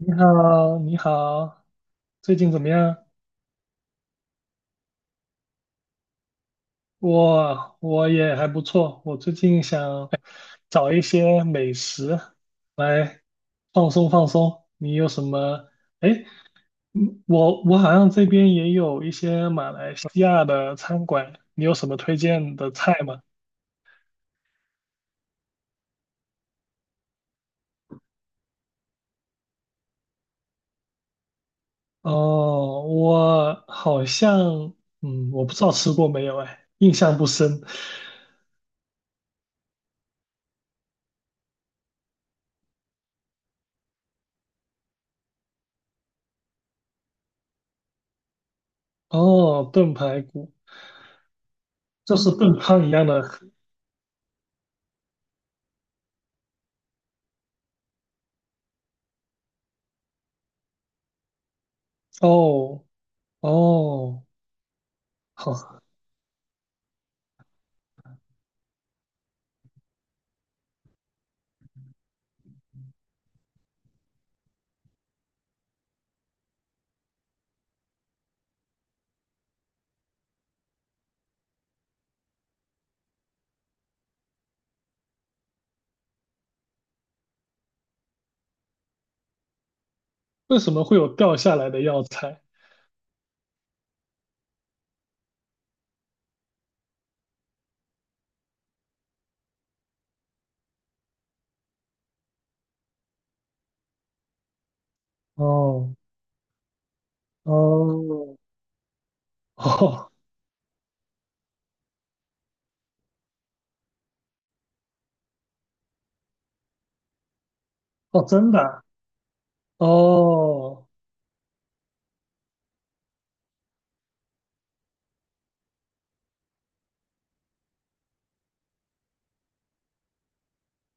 你好，你好，最近怎么样？我也还不错，我最近想找一些美食来放松放松。你有什么？哎，我好像这边也有一些马来西亚的餐馆，你有什么推荐的菜吗？哦，我好像，我不知道吃过没有，哎，印象不深。哦，炖排骨，就是炖汤一样的。哦，哦，好，为什么会有掉下来的药材？哦，哦，哦，哦，真的啊。哦，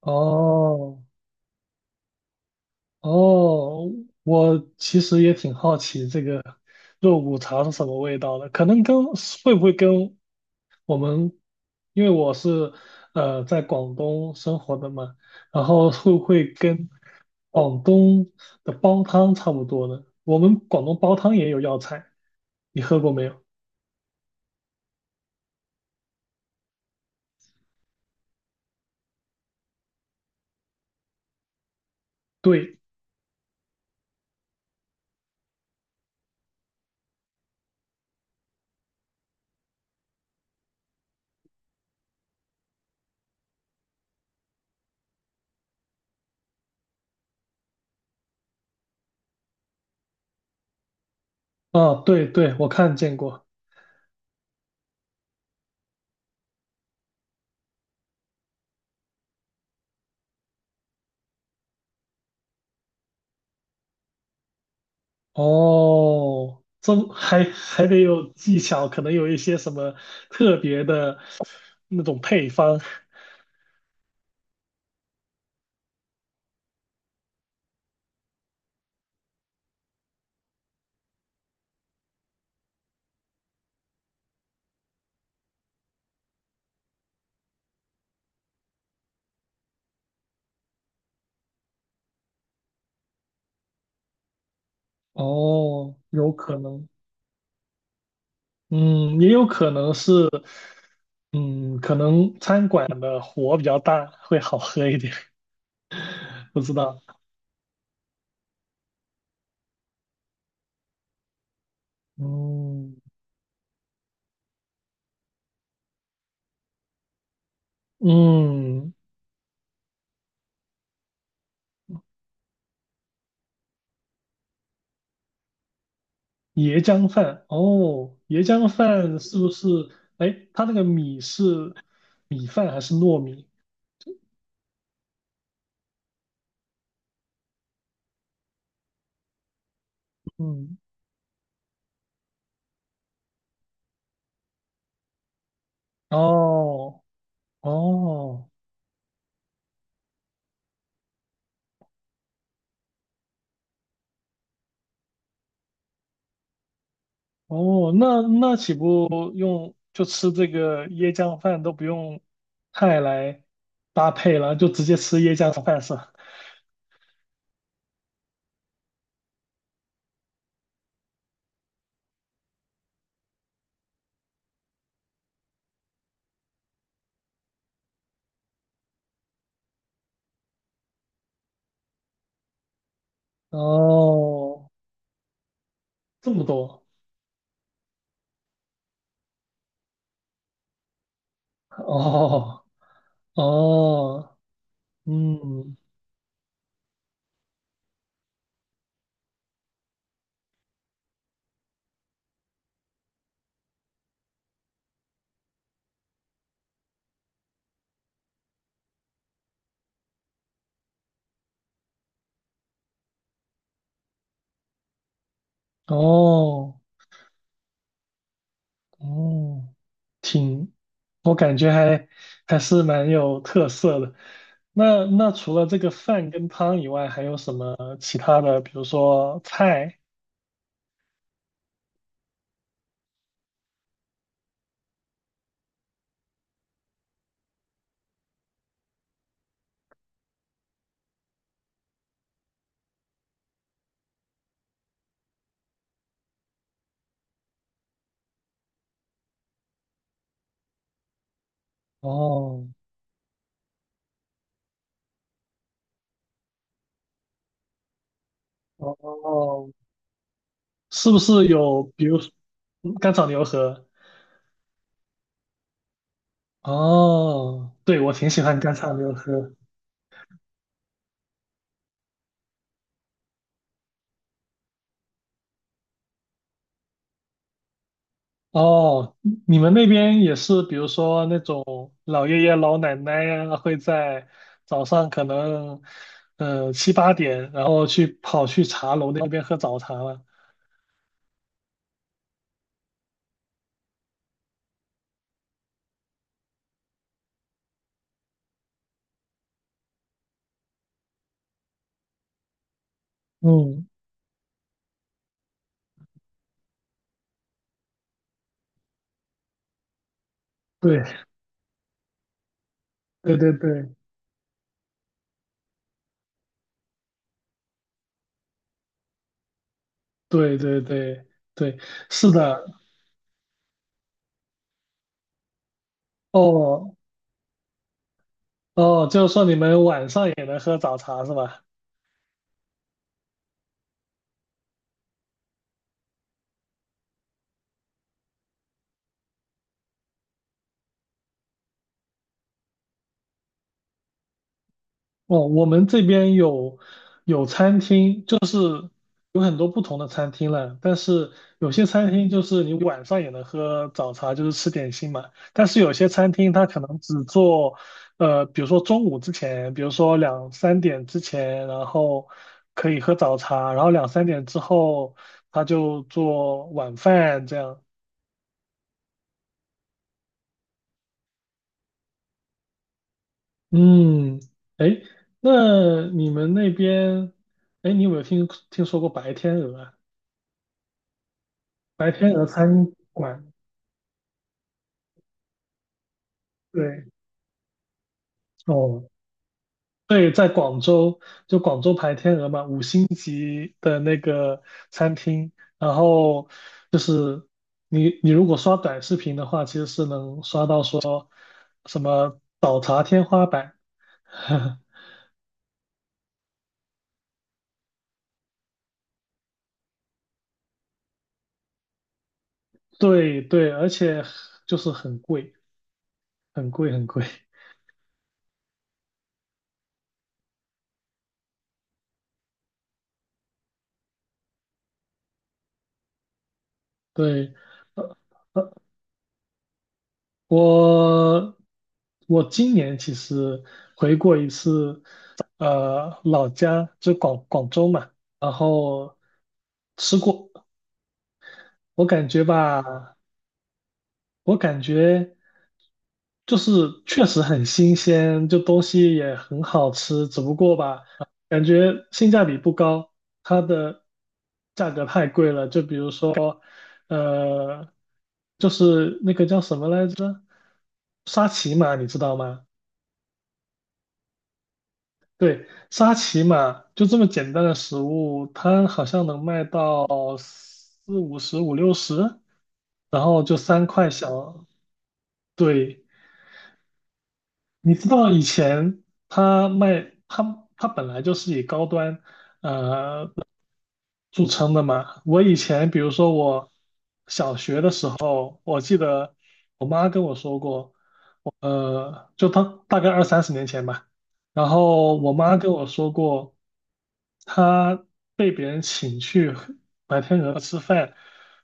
哦，哦，我其实也挺好奇这个肉骨茶是什么味道的，可能跟会不会跟我们，因为我是在广东生活的嘛，然后会不会跟广东的煲汤差不多呢？我们广东煲汤也有药材，你喝过没有？对。哦，对对，我看见过。哦，这还得有技巧，可能有一些什么特别的那种配方。哦，有可能，嗯，也有可能是，嗯，可能餐馆的火比较大，会好喝一点，不知道。嗯嗯，椰浆饭，哦，椰浆饭是不是？哎，它那个米是米饭还是糯米？嗯，哦。哦哦，那岂不用就吃这个椰浆饭都不用菜来搭配了，就直接吃椰浆饭是吧？哦，这么多，哦哦，嗯，哦哦，挺，我感觉还是蛮有特色的。那除了这个饭跟汤以外，还有什么其他的？比如说菜？哦哦哦是不是有比如干炒牛河？哦，对，我挺喜欢干草牛河。哦，你们那边也是，比如说那种老爷爷老奶奶呀、会在早上可能7、8点，然后跑去茶楼那边喝早茶了。嗯，对，对对对对对对对，是的。哦哦，就是说你们晚上也能喝早茶是吧？哦，我们这边有餐厅，就是有很多不同的餐厅了。但是有些餐厅就是你晚上也能喝早茶，就是吃点心嘛。但是有些餐厅它可能只做，比如说中午之前，比如说两三点之前，然后可以喝早茶，然后两三点之后他就做晚饭这样。嗯，哎，那你们那边，哎，你有没有听说过白天鹅啊？白天鹅餐馆，对，哦，对，在广州，就广州白天鹅嘛，5星级的那个餐厅，然后就是你如果刷短视频的话，其实是能刷到说什么早茶天花板，对对，而且就是很贵，很贵，很贵，对。呃呃我我今年其实回过一次老家，就广州嘛，然后吃过，我感觉吧，我感觉就是确实很新鲜，就东西也很好吃，只不过吧，感觉性价比不高，它的价格太贵了，就比如说，呃，就是那个叫什么来着，沙琪玛，你知道吗？对，沙琪玛就这么简单的食物，它好像能卖到四五十、五六十，然后就三块小。对，你知道以前它卖它本来就是以高端著称的嘛。我以前比如说我小学的时候，我记得我妈跟我说过，就当大概2、30年前吧。然后我妈跟我说过，她被别人请去白天鹅吃饭，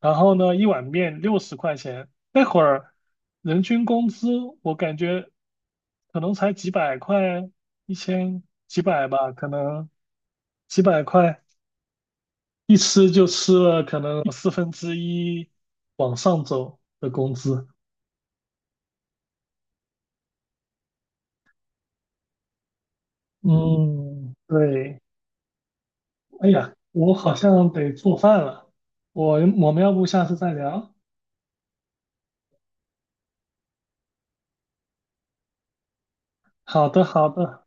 然后呢，一碗面60块钱，那会儿人均工资我感觉可能才几百块，一千几百吧，可能几百块，一吃就吃了可能1/4往上走的工资。嗯，对。哎呀，我好像得做饭了，我我们要不下次再聊？好的，好的，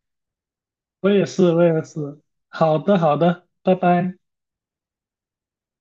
我也是，我也是，好的，好的，拜拜。